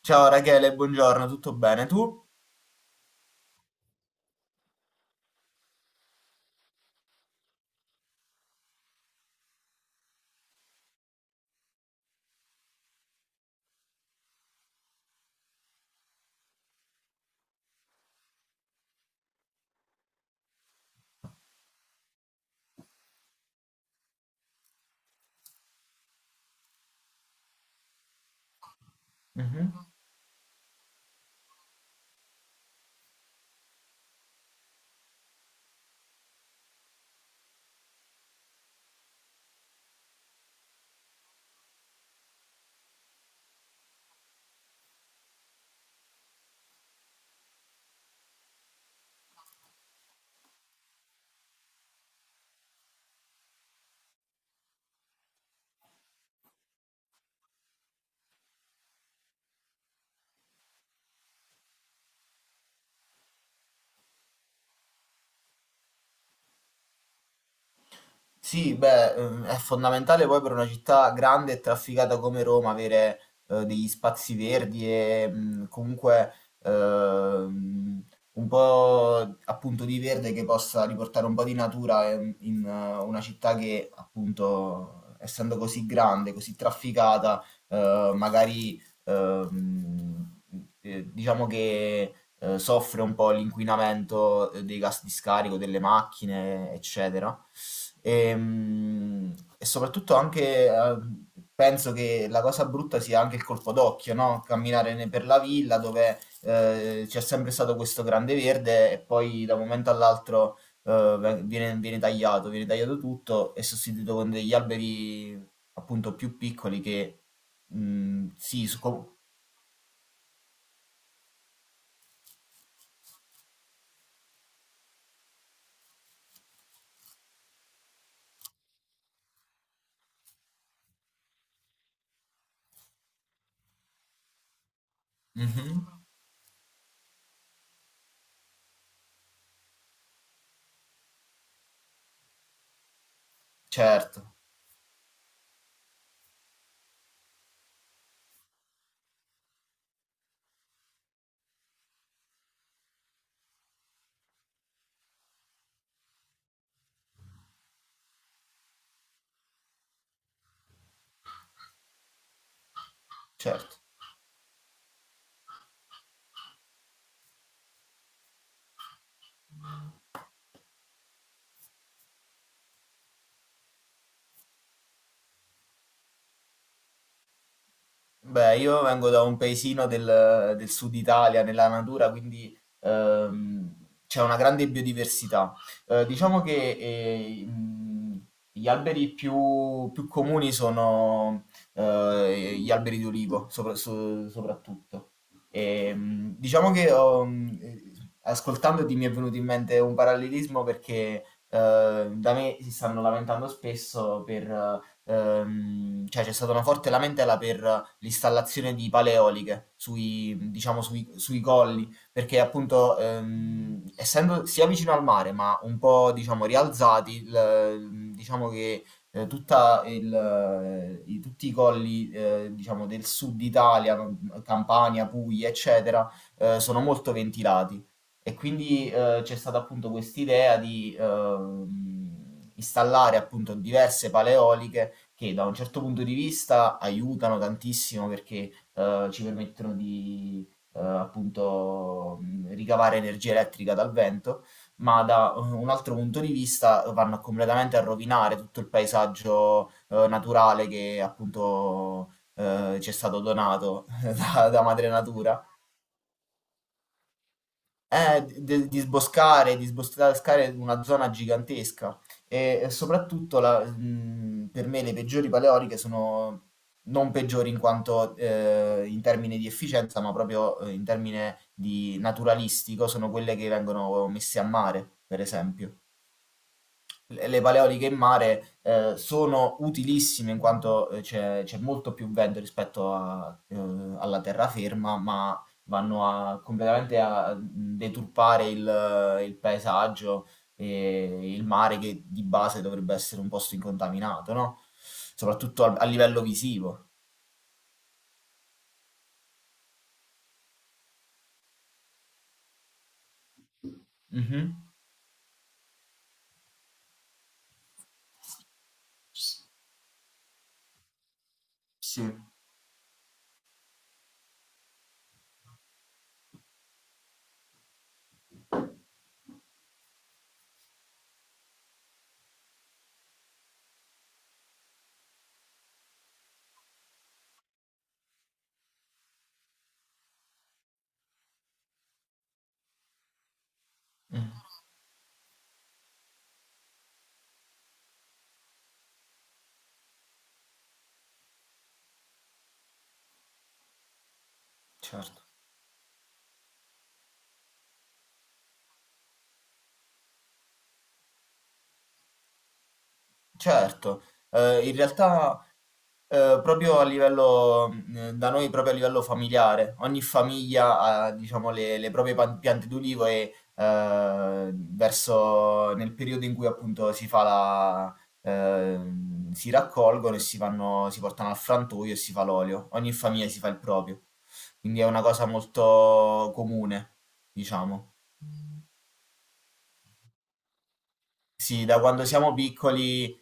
Ciao Rachele, buongiorno, tutto bene tu? Mhm. Sì, beh, è fondamentale poi per una città grande e trafficata come Roma avere degli spazi verdi e comunque ehm, un po' appunto di verde che possa riportare un po' di natura in una città che appunto essendo così grande, così trafficata, magari diciamo che soffre un po' l'inquinamento dei gas di scarico, delle macchine, eccetera. Ehm, E, soprattutto anche penso che la cosa brutta sia anche il colpo d'occhio, no? Camminare per la villa dove c'è sempre stato questo grande verde e poi da un momento all'altro viene tagliato tutto e sostituito con degli alberi appunto più piccoli che sì, Mhm, certo, certo. Beh, io vengo da un paesino del sud Italia, nella natura, quindi c'è una grande biodiversità. Diciamo che eh, mh, gli alberi più comuni sono gli alberi di olivo, soprattutto. E, diciamo che ascoltandoti mi è venuto in mente un parallelismo perché da me si stanno lamentando spesso per cioè c'è stata una forte lamentela per l'installazione di paleoliche diciamo, sui colli, perché appunto essendo sia vicino al mare ma un po' diciamo rialzati, diciamo che tutti i colli diciamo, del sud Italia, no, Campania, Puglia, eccetera, sono molto ventilati. E quindi c'è stata appunto quest'idea di installare appunto diverse paleoliche che da un certo punto di vista aiutano tantissimo perché ci permettono di appunto ricavare energia elettrica dal vento, ma da un altro punto di vista vanno completamente a rovinare tutto il paesaggio naturale che appunto ci è stato donato da madre natura di sboscare una zona gigantesca e soprattutto per me le peggiori paleoliche sono non peggiori in quanto in termini di efficienza, ma proprio in termini di naturalistico, sono quelle che vengono messe a mare, per esempio le paleoliche in mare sono utilissime in quanto c'è molto più vento rispetto alla terraferma, ma vanno completamente a deturpare il paesaggio e il mare che di base dovrebbe essere un posto incontaminato, no? Soprattutto a livello visivo. Mhm. Sì. Mm, certo. Certo, in realtà, proprio a livello da noi proprio a livello familiare, ogni famiglia ha diciamo le proprie pan piante d'ulivo e, verso nel periodo in cui appunto si fa la si raccolgono e si portano al frantoio e si fa l'olio. Ogni famiglia si fa il proprio. Quindi è una cosa molto comune, diciamo. Sì, da quando siamo piccoli,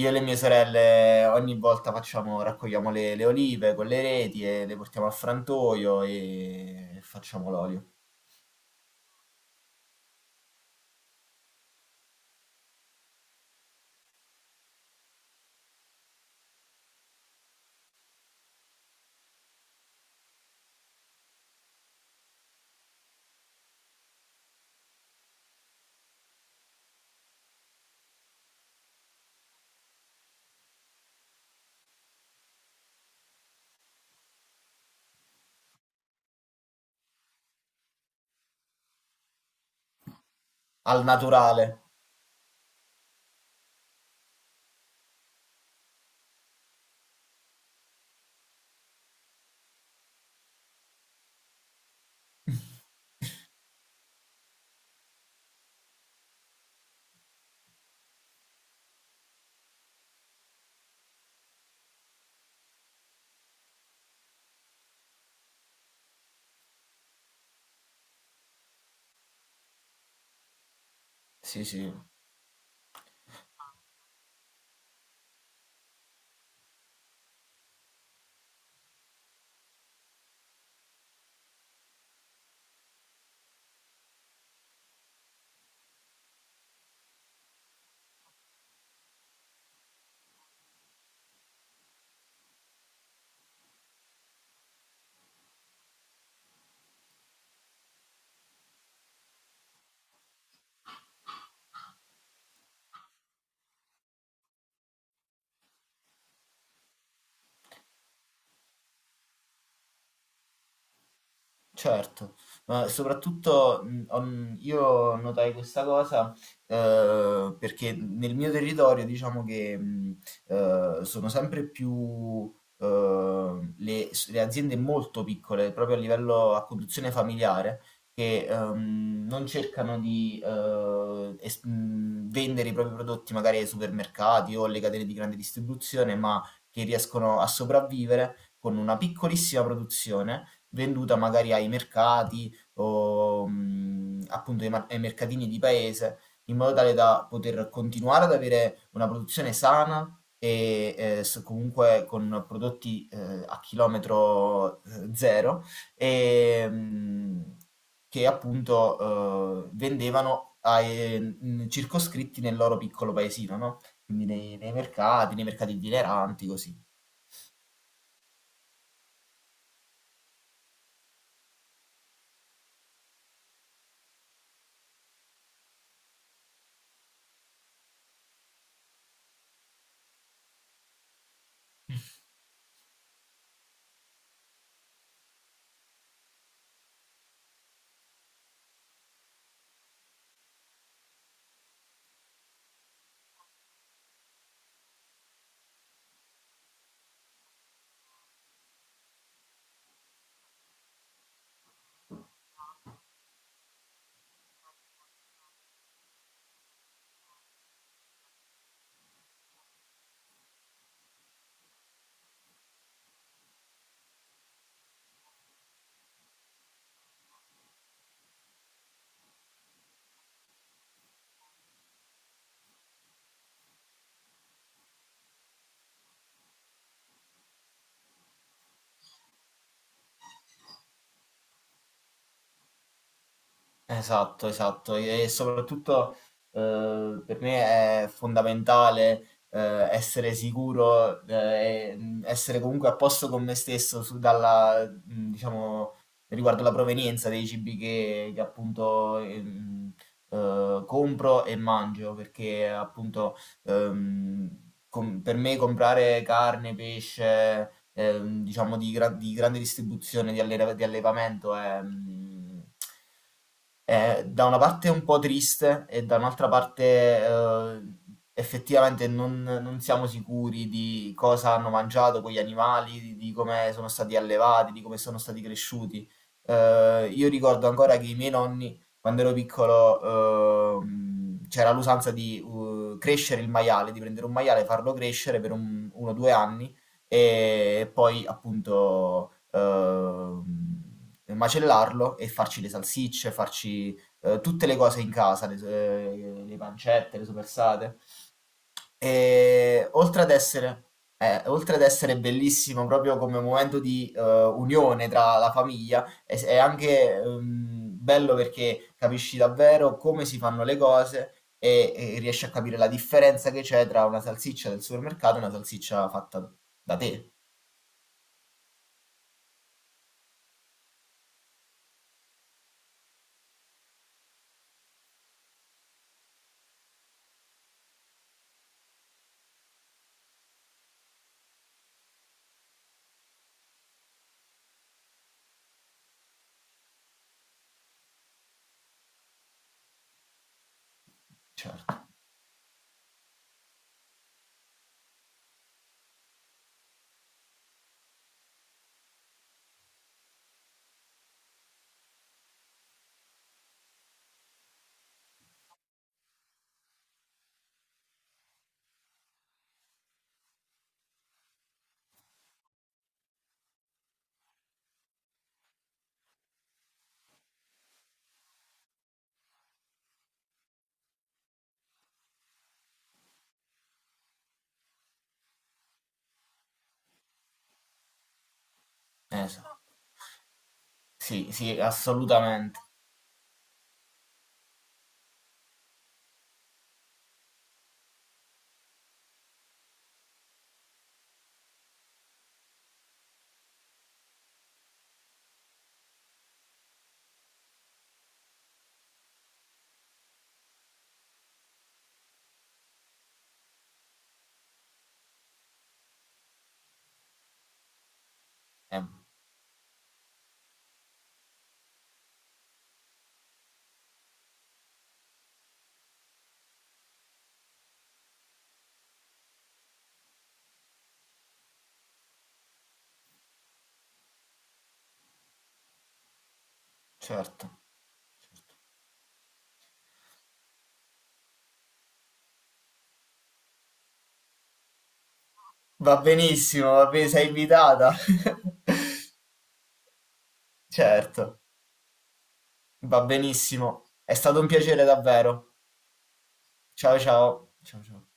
io e le mie sorelle ogni volta facciamo, raccogliamo le olive con le reti e le portiamo al frantoio e facciamo l'olio. Al naturale. Sì, sì. Certo, ma soprattutto io notai questa cosa perché nel mio territorio diciamo che sono sempre più le aziende molto piccole, proprio a livello a conduzione familiare, che non cercano di vendere i propri prodotti magari ai supermercati o alle catene di grande distribuzione, ma che riescono a sopravvivere con una piccolissima produzione venduta magari ai mercati o appunto ai mercatini di paese, in modo tale da poter continuare ad avere una produzione sana e comunque con prodotti a chilometro zero e, mh, che appunto vendevano circoscritti nel loro piccolo paesino, no? Quindi nei mercati itineranti, così. Esatto, esatto. E soprattutto per me è fondamentale essere sicuro, essere comunque a posto con me stesso diciamo, riguardo la provenienza dei cibi che appunto compro e mangio, perché appunto ehm, per me comprare carne, pesce, diciamo di grande distribuzione, di allevamento è, è da una parte un po' triste e da un'altra parte eh, effettivamente non siamo sicuri di cosa hanno mangiato quegli animali, di come sono stati allevati, di come sono stati cresciuti. Io ricordo ancora che i miei nonni quando ero piccolo, c'era l'usanza di crescere il maiale, di prendere un maiale, farlo crescere per un 1, 2 anni e poi appunto, macellarlo e farci le salsicce, farci, tutte le cose in casa, le pancette, le soppressate. E oltre ad essere, bellissimo proprio come momento di unione tra la famiglia, è anche bello perché capisci davvero come si fanno le cose e riesci a capire la differenza che c'è tra una salsiccia del supermercato e una salsiccia fatta da te, certo. Esatto. Sì, sì, assolutamente. Eh, certo. Va benissimo, va bene, sei invitata. Certo. Va benissimo, è stato un piacere davvero. Ciao ciao. Ciao ciao.